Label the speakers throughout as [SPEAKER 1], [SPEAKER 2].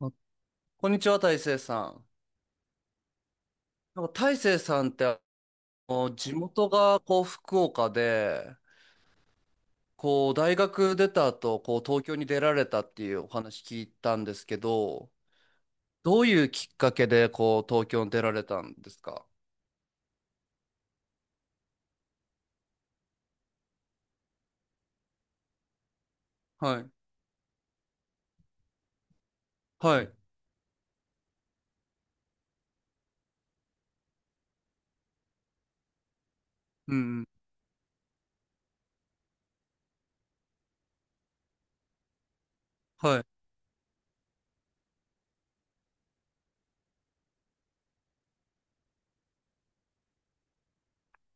[SPEAKER 1] あ、こんにちは、大成さん。なんか大成さんって地元がこう福岡で、こう大学出た後、こう東京に出られたっていうお話聞いたんですけど、どういうきっかけでこう東京に出られたんですか？はい。はい。うんうん。はい。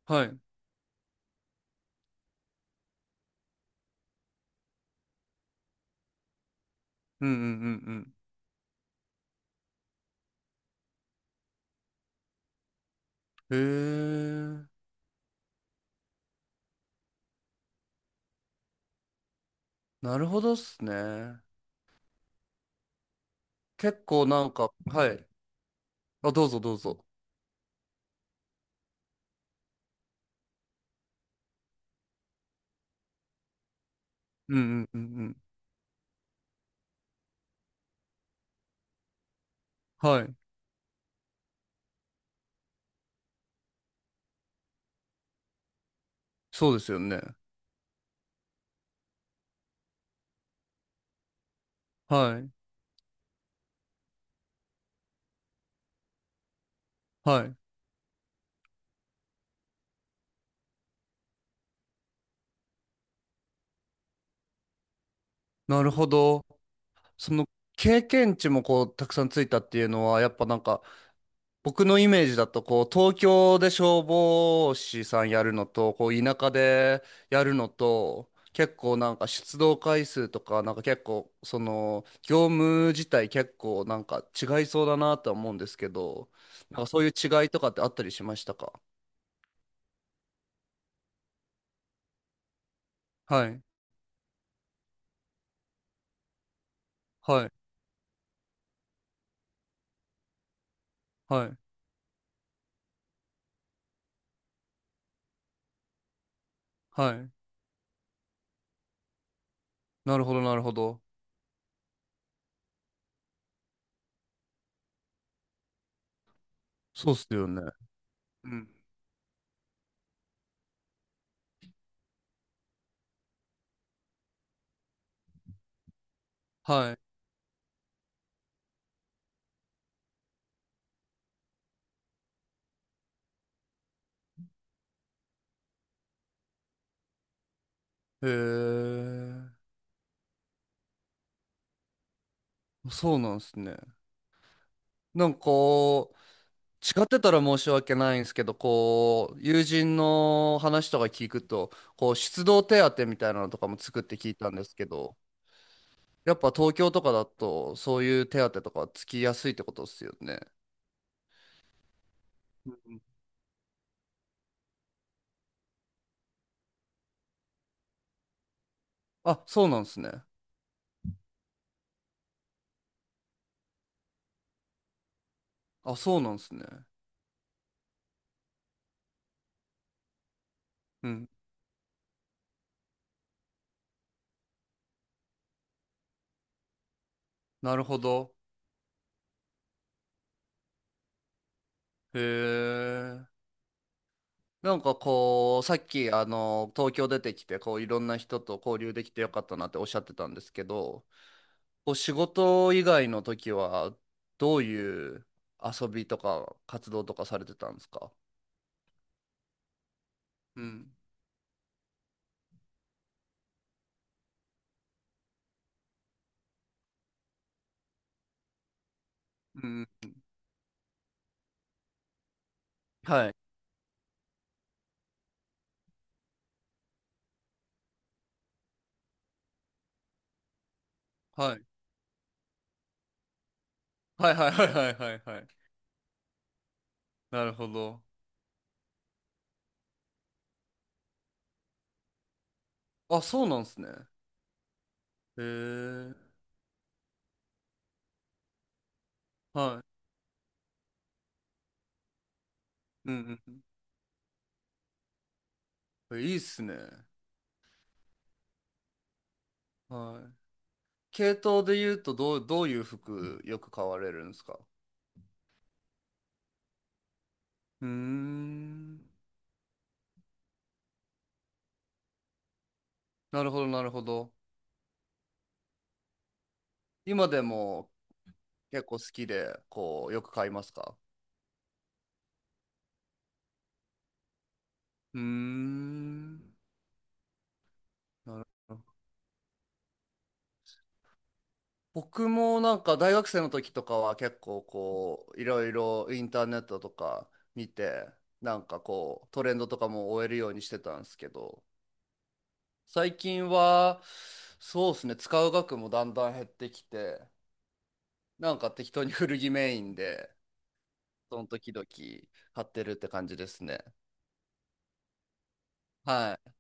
[SPEAKER 1] はい。うんうんうんうん。へえ。なるほどっすね。結構なんか、はい。あ、どうぞどうぞ。うんうんうんうん。はい。そうですよね。はい。はい。なるほど。その、経験値もこうたくさんついたっていうのは、やっぱなんか僕のイメージだとこう東京で消防士さんやるのとこう田舎でやるのと結構なんか出動回数とかなんか結構その業務自体結構なんか違いそうだなとは思うんですけど、なんかそういう違いとかってあったりしましたか？はいはいはいはい。なるほどなるほど。そうっすよね。うん。はい。へえ。そうなんですね。なんかこう、違ってたら申し訳ないんですけど、こう、友人の話とか聞くと、こう、出動手当みたいなのとかもつくって聞いたんですけど、やっぱ東京とかだと、そういう手当とかつきやすいってことですよね？うん。あ、そうなんですね。あ、そうなんですね。うん。なるほど。へえ。なんかこう、さっき、東京出てきて、こう、いろんな人と交流できてよかったなっておっしゃってたんですけど、お仕事以外の時は、どういう遊びとか活動とかされてたんですか？うん。うん。はい。はい。はいはいはいはいはいはい。なるほど。あ、そうなんですね。へえ。はい。うんうん、いいっすね。はい。系統で言うと、どういう服よく買われるんですか？うーん。なるほど、なるほど。今でも結構好きで、こう、よく買いますか？うーん。なるほど。僕もなんか大学生の時とかは結構こういろいろインターネットとか見てなんかこうトレンドとかも追えるようにしてたんですけど、最近は、そうですね、使う額もだんだん減ってきてなんか適当に古着メインでその時々買ってるって感じですね。はい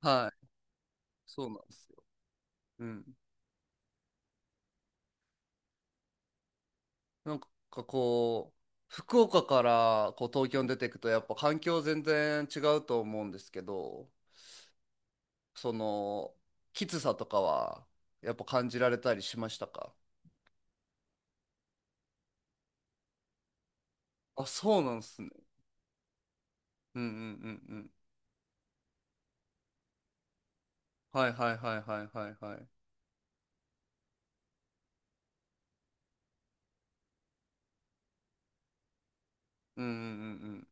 [SPEAKER 1] はい。そうなんですよ。うん。なんかこう、福岡からこう東京に出ていくとやっぱ環境全然違うと思うんですけど、その、きつさとかは、やっぱ感じられたりしましたか？あ、そうなんすね。うんうんうんうん。はいはいはいはいはいはい。うんうんうん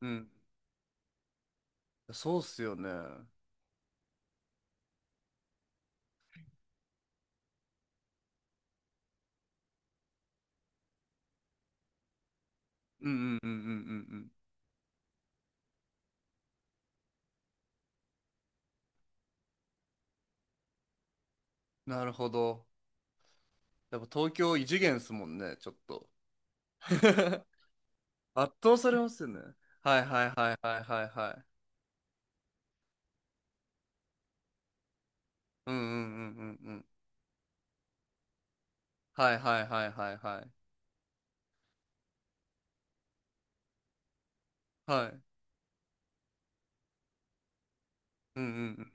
[SPEAKER 1] うん。うん。そうっすよね。うん。うんうんうんうんうん。なるほど。やっぱ東京異次元っすもんね、ちょっと。圧倒されますよね。はいはいはいはいはいはい。うんうんうんうんうん。はいはいはいはいはい。はい。うんうんうん。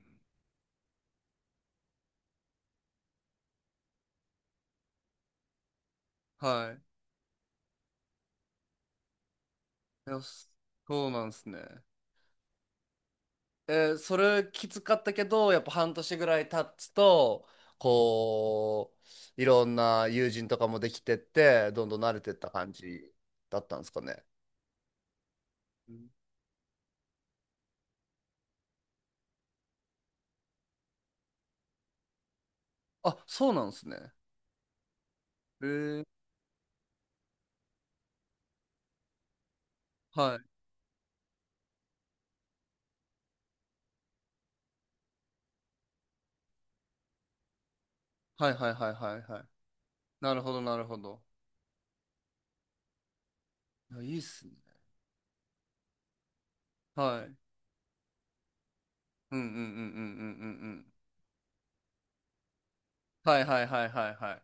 [SPEAKER 1] はい。いや、そうなんすね。それきつかったけど、やっぱ半年ぐらい経つと、こう、いろんな友人とかもできてって、どんどん慣れてった感じだったんですかね？うん。あ、そうなんですね。えー、はい。はいはいはいはいはい。なるほどなるほど。いや、いいっすね。はい。うんうんうんうんうんうんうん。はいはいはいはいは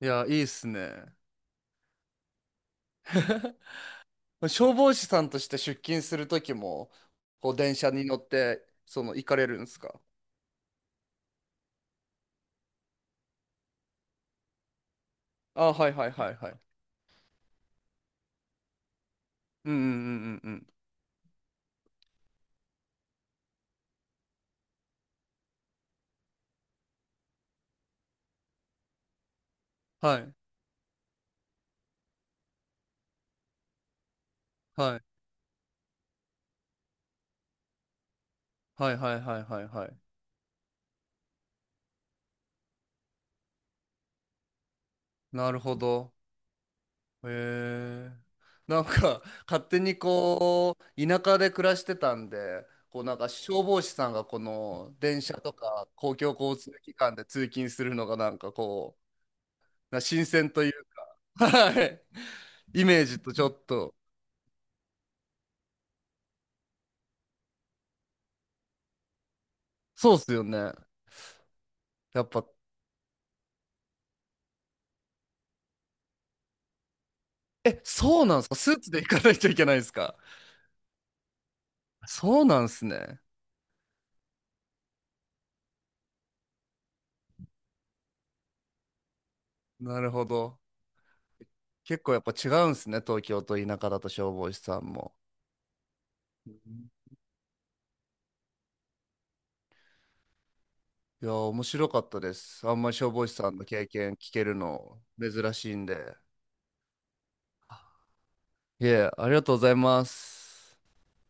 [SPEAKER 1] い。いや、いいっすね。消防士さんとして出勤するときも、こう電車に乗って、その行かれるんですか？あ、はいはいはいいはい。うんうんうんうんうん。はい。はい。はいはいはいはいはい。なるほど。へえ。なんか、勝手にこう、田舎で暮らしてたんで、こうなんか消防士さんがこの電車とか公共交通機関で通勤するのがなんかこう、新鮮という、はい。イメージとちょっと、そうっすよね。やっぱ、え、そうなんすか、スーツで行かないといけないんすか？そうなんすね。なるほど。結構やっぱ違うんすね、東京と田舎だと消防士さんも。うん。いやー、面白かったです。あんまり消防士さんの経験聞けるの珍しいんで。いえ、ありがとうございます。